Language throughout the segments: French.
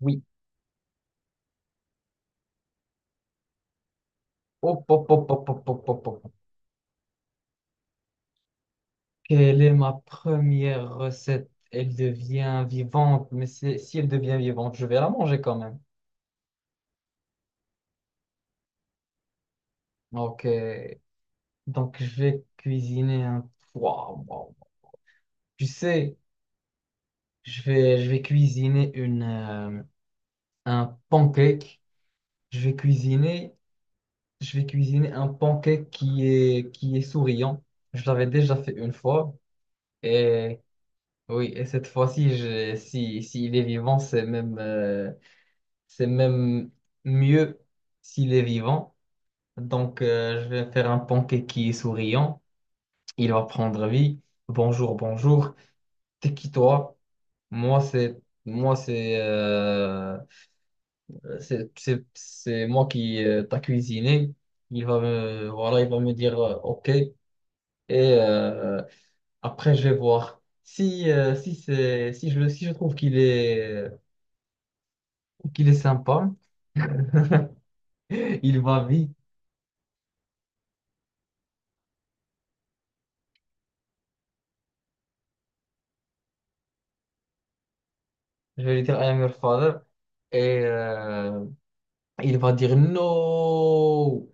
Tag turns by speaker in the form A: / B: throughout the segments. A: Oui. Hop, hop, hop, hop, hop, hop, hop, hop. Quelle est ma première recette? Elle devient vivante, mais si elle devient vivante, je vais la manger quand même. Ok. Donc, je vais cuisiner un... Waouh, waouh. Tu sais, je vais cuisiner un pancake. Je vais cuisiner, je vais cuisiner un pancake qui est souriant. Je l'avais déjà fait une fois. Et oui, et cette fois-ci, si, s'il est vivant, c'est même mieux s'il est vivant. Donc, je vais faire un pancake qui est souriant. Il va prendre vie. Bonjour, bonjour. T'es qui toi? Moi, c'est moi, c'est moi qui t'a cuisiné. Il va me voilà, il va me dire OK. Et euh, après, je vais voir si si c'est si si je trouve qu'il est sympa. Il va vite. Je vais lui dire I am your father. Et il va dire no.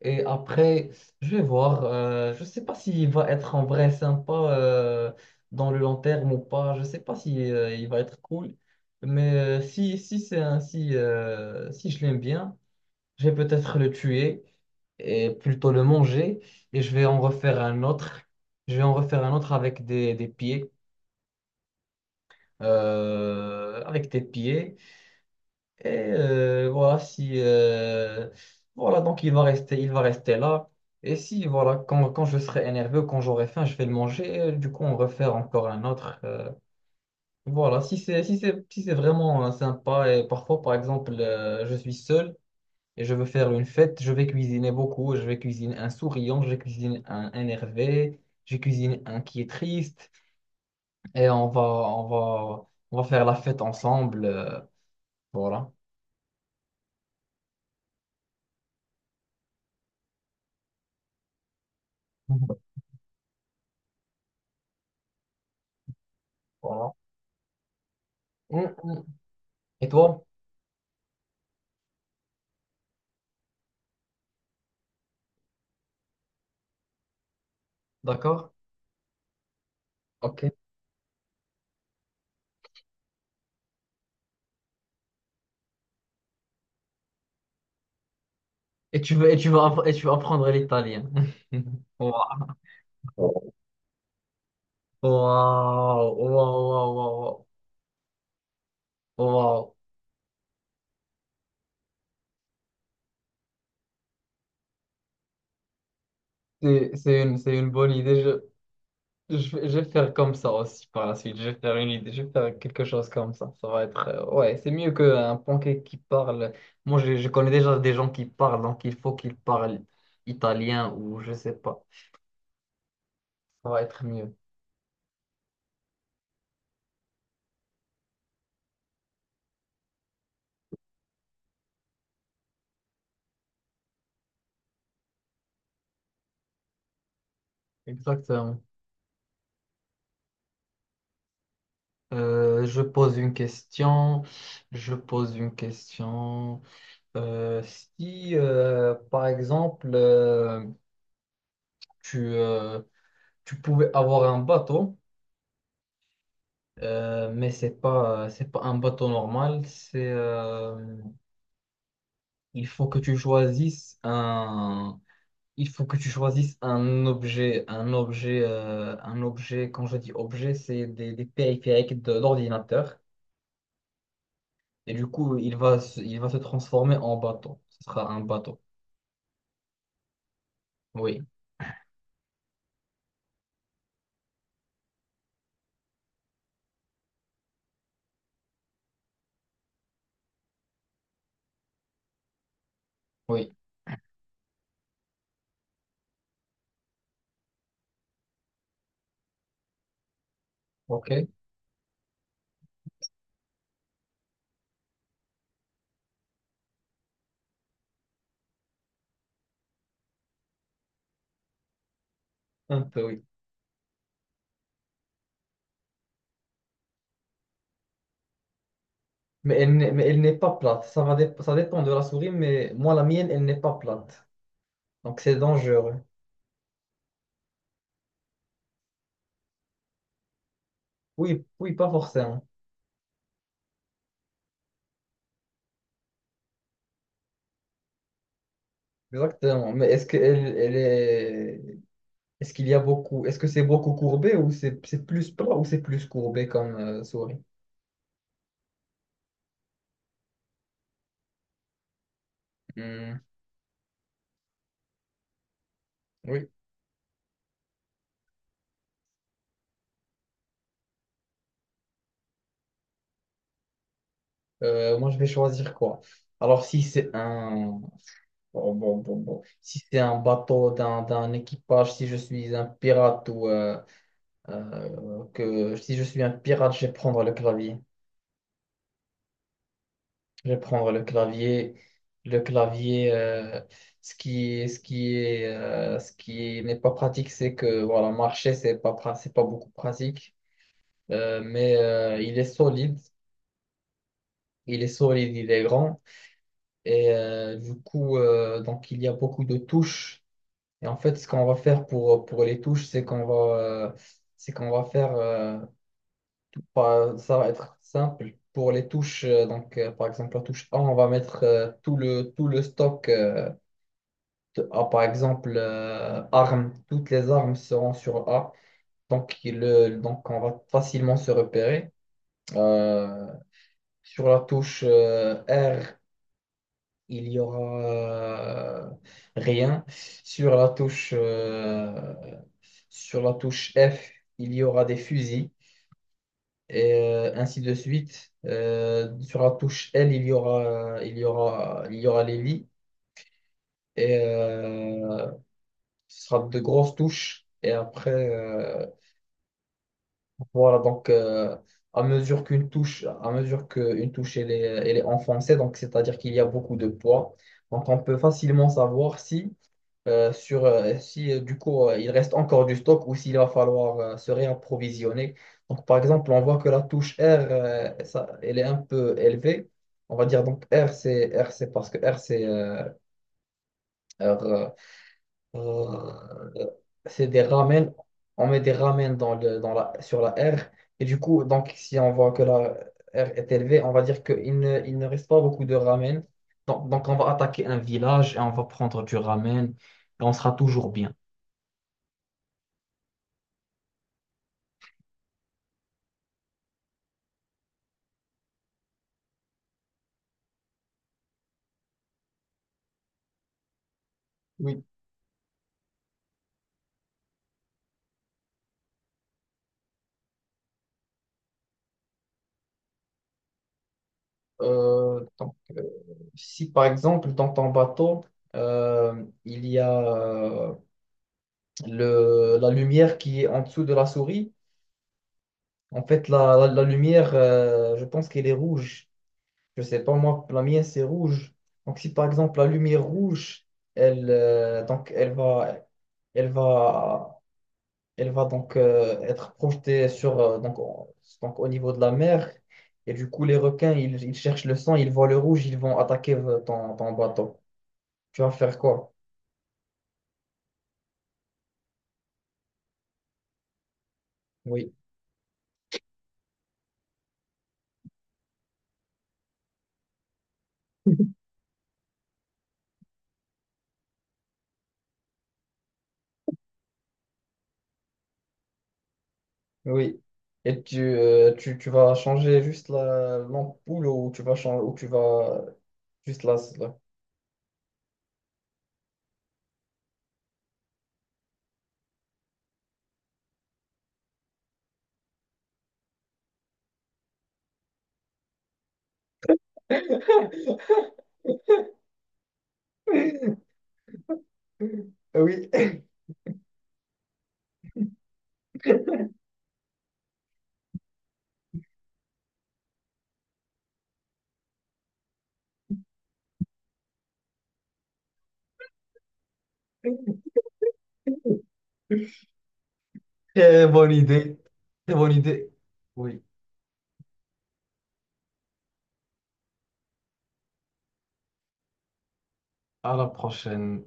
A: Et après, je vais voir. Je ne sais pas s'il va être en vrai sympa dans le long terme ou pas. Je ne sais pas si il va être cool. Mais si c'est ainsi, si je l'aime bien, je vais peut-être le tuer et plutôt le manger. Et je vais en refaire un autre. Je vais en refaire un autre avec des pieds. Avec des pieds. Et voilà, si voilà, donc il va rester là. Et si voilà, quand je serai énervé, quand j'aurai faim, je vais le manger. Et du coup, on refaire encore un autre. Voilà, si c'est vraiment sympa et parfois, par exemple, je suis seul et je veux faire une fête, je vais cuisiner beaucoup. Je vais cuisiner un souriant, je cuisine un énervé, je cuisine un qui est triste. Et on va faire la fête ensemble. Voilà. Voilà. Mm, mm, et toi? D'accord? Ok. Et tu veux apprendre l'italien. Wow. Waouh, waouh, waouh, waouh, waouh. C'est une bonne idée. Je vais faire comme ça aussi par la suite. Je vais faire une idée, je vais faire quelque chose comme ça. Ça va être, ouais, c'est mieux qu'un pancake qui parle. Moi, je connais déjà des gens qui parlent, donc il faut qu'ils parlent italien ou je sais pas. Ça va être mieux. Exactement. Je pose une question. Je pose une question. Euh, si, par exemple, tu, euh, tu pouvais avoir un bateau, mais c'est pas un bateau normal. C'est, il faut que tu choisisses un, il faut que tu choisisses un objet, un objet. Quand je dis objet, c'est des périphériques de l'ordinateur. Et du coup, il va se transformer en bateau. Ce sera un bateau. Oui, oui. OK. Un peu, oui. Mais elle n'est pas plate. Ça dépend de la souris, mais moi, la mienne, elle n'est pas plate. Donc, c'est dangereux. Oui, oui, pas forcément. Exactement. Est-ce qu'il y a beaucoup... Est-ce que c'est beaucoup courbé ou c'est plus plat ou c'est plus courbé comme souris? Hmm, oui. Moi, je vais choisir quoi? Alors, si c'est un... bon, bon, bon, bon. Si c'est un bateau d'un équipage, si je suis un pirate ou que si je suis un pirate, je vais prendre le clavier. Je vais prendre le clavier. Le clavier, ce qui est, ce qui n'est pas pratique, c'est que voilà, marcher, c'est pas beaucoup pratique. Il est solide. Il est solide, il est grand. Et du coup, donc il y a beaucoup de touches. Et en fait, ce qu'on va faire pour les touches, c'est qu'on va faire, ça va être simple. Pour les touches, donc, par exemple, la touche A, on va mettre tout le stock de A, par exemple, armes. Toutes les armes seront sur A. Donc on va facilement se repérer. Euh, sur la touche R, il y aura rien. Sur la touche, euh, Sur la touche F, il y aura des fusils et ainsi de suite. Sur la touche L, il y aura les lits et ce sera de grosses touches. Et après, voilà, à mesure qu'une touche elle est enfoncée, donc c'est-à-dire qu'il y a beaucoup de poids. Donc on peut facilement savoir si sur si du coup il reste encore du stock ou s'il va falloir se réapprovisionner. Donc par exemple, on voit que la touche R, elle est un peu élevée. On va dire donc R, c'est parce que R, R, euh, c'est des ramen. On met des ramen dans le, dans la, sur la R. Et du coup, donc si on voit que la R est élevée, on va dire qu'il ne reste pas beaucoup de ramen. Donc on va attaquer un village et on va prendre du ramen et on sera toujours bien. Oui. Donc, si par exemple dans ton bateau, il y a euh, la lumière qui est en dessous de la souris, en fait la lumière, je pense qu'elle est rouge. Je sais pas moi, la mienne c'est rouge. Donc si par exemple la lumière rouge, elle, euh, donc, elle va, elle va, elle va donc être projetée sur, au niveau de la mer. Et du coup, les requins, ils cherchent le sang, ils voient le rouge, ils vont attaquer ton bateau. Tu vas faire quoi? Oui, oui. Et tu vas changer juste la l'ampoule ou tu vas changer ou tu vas juste là. Oui, très bonne idée. Très bonne idée. Oui, à la prochaine.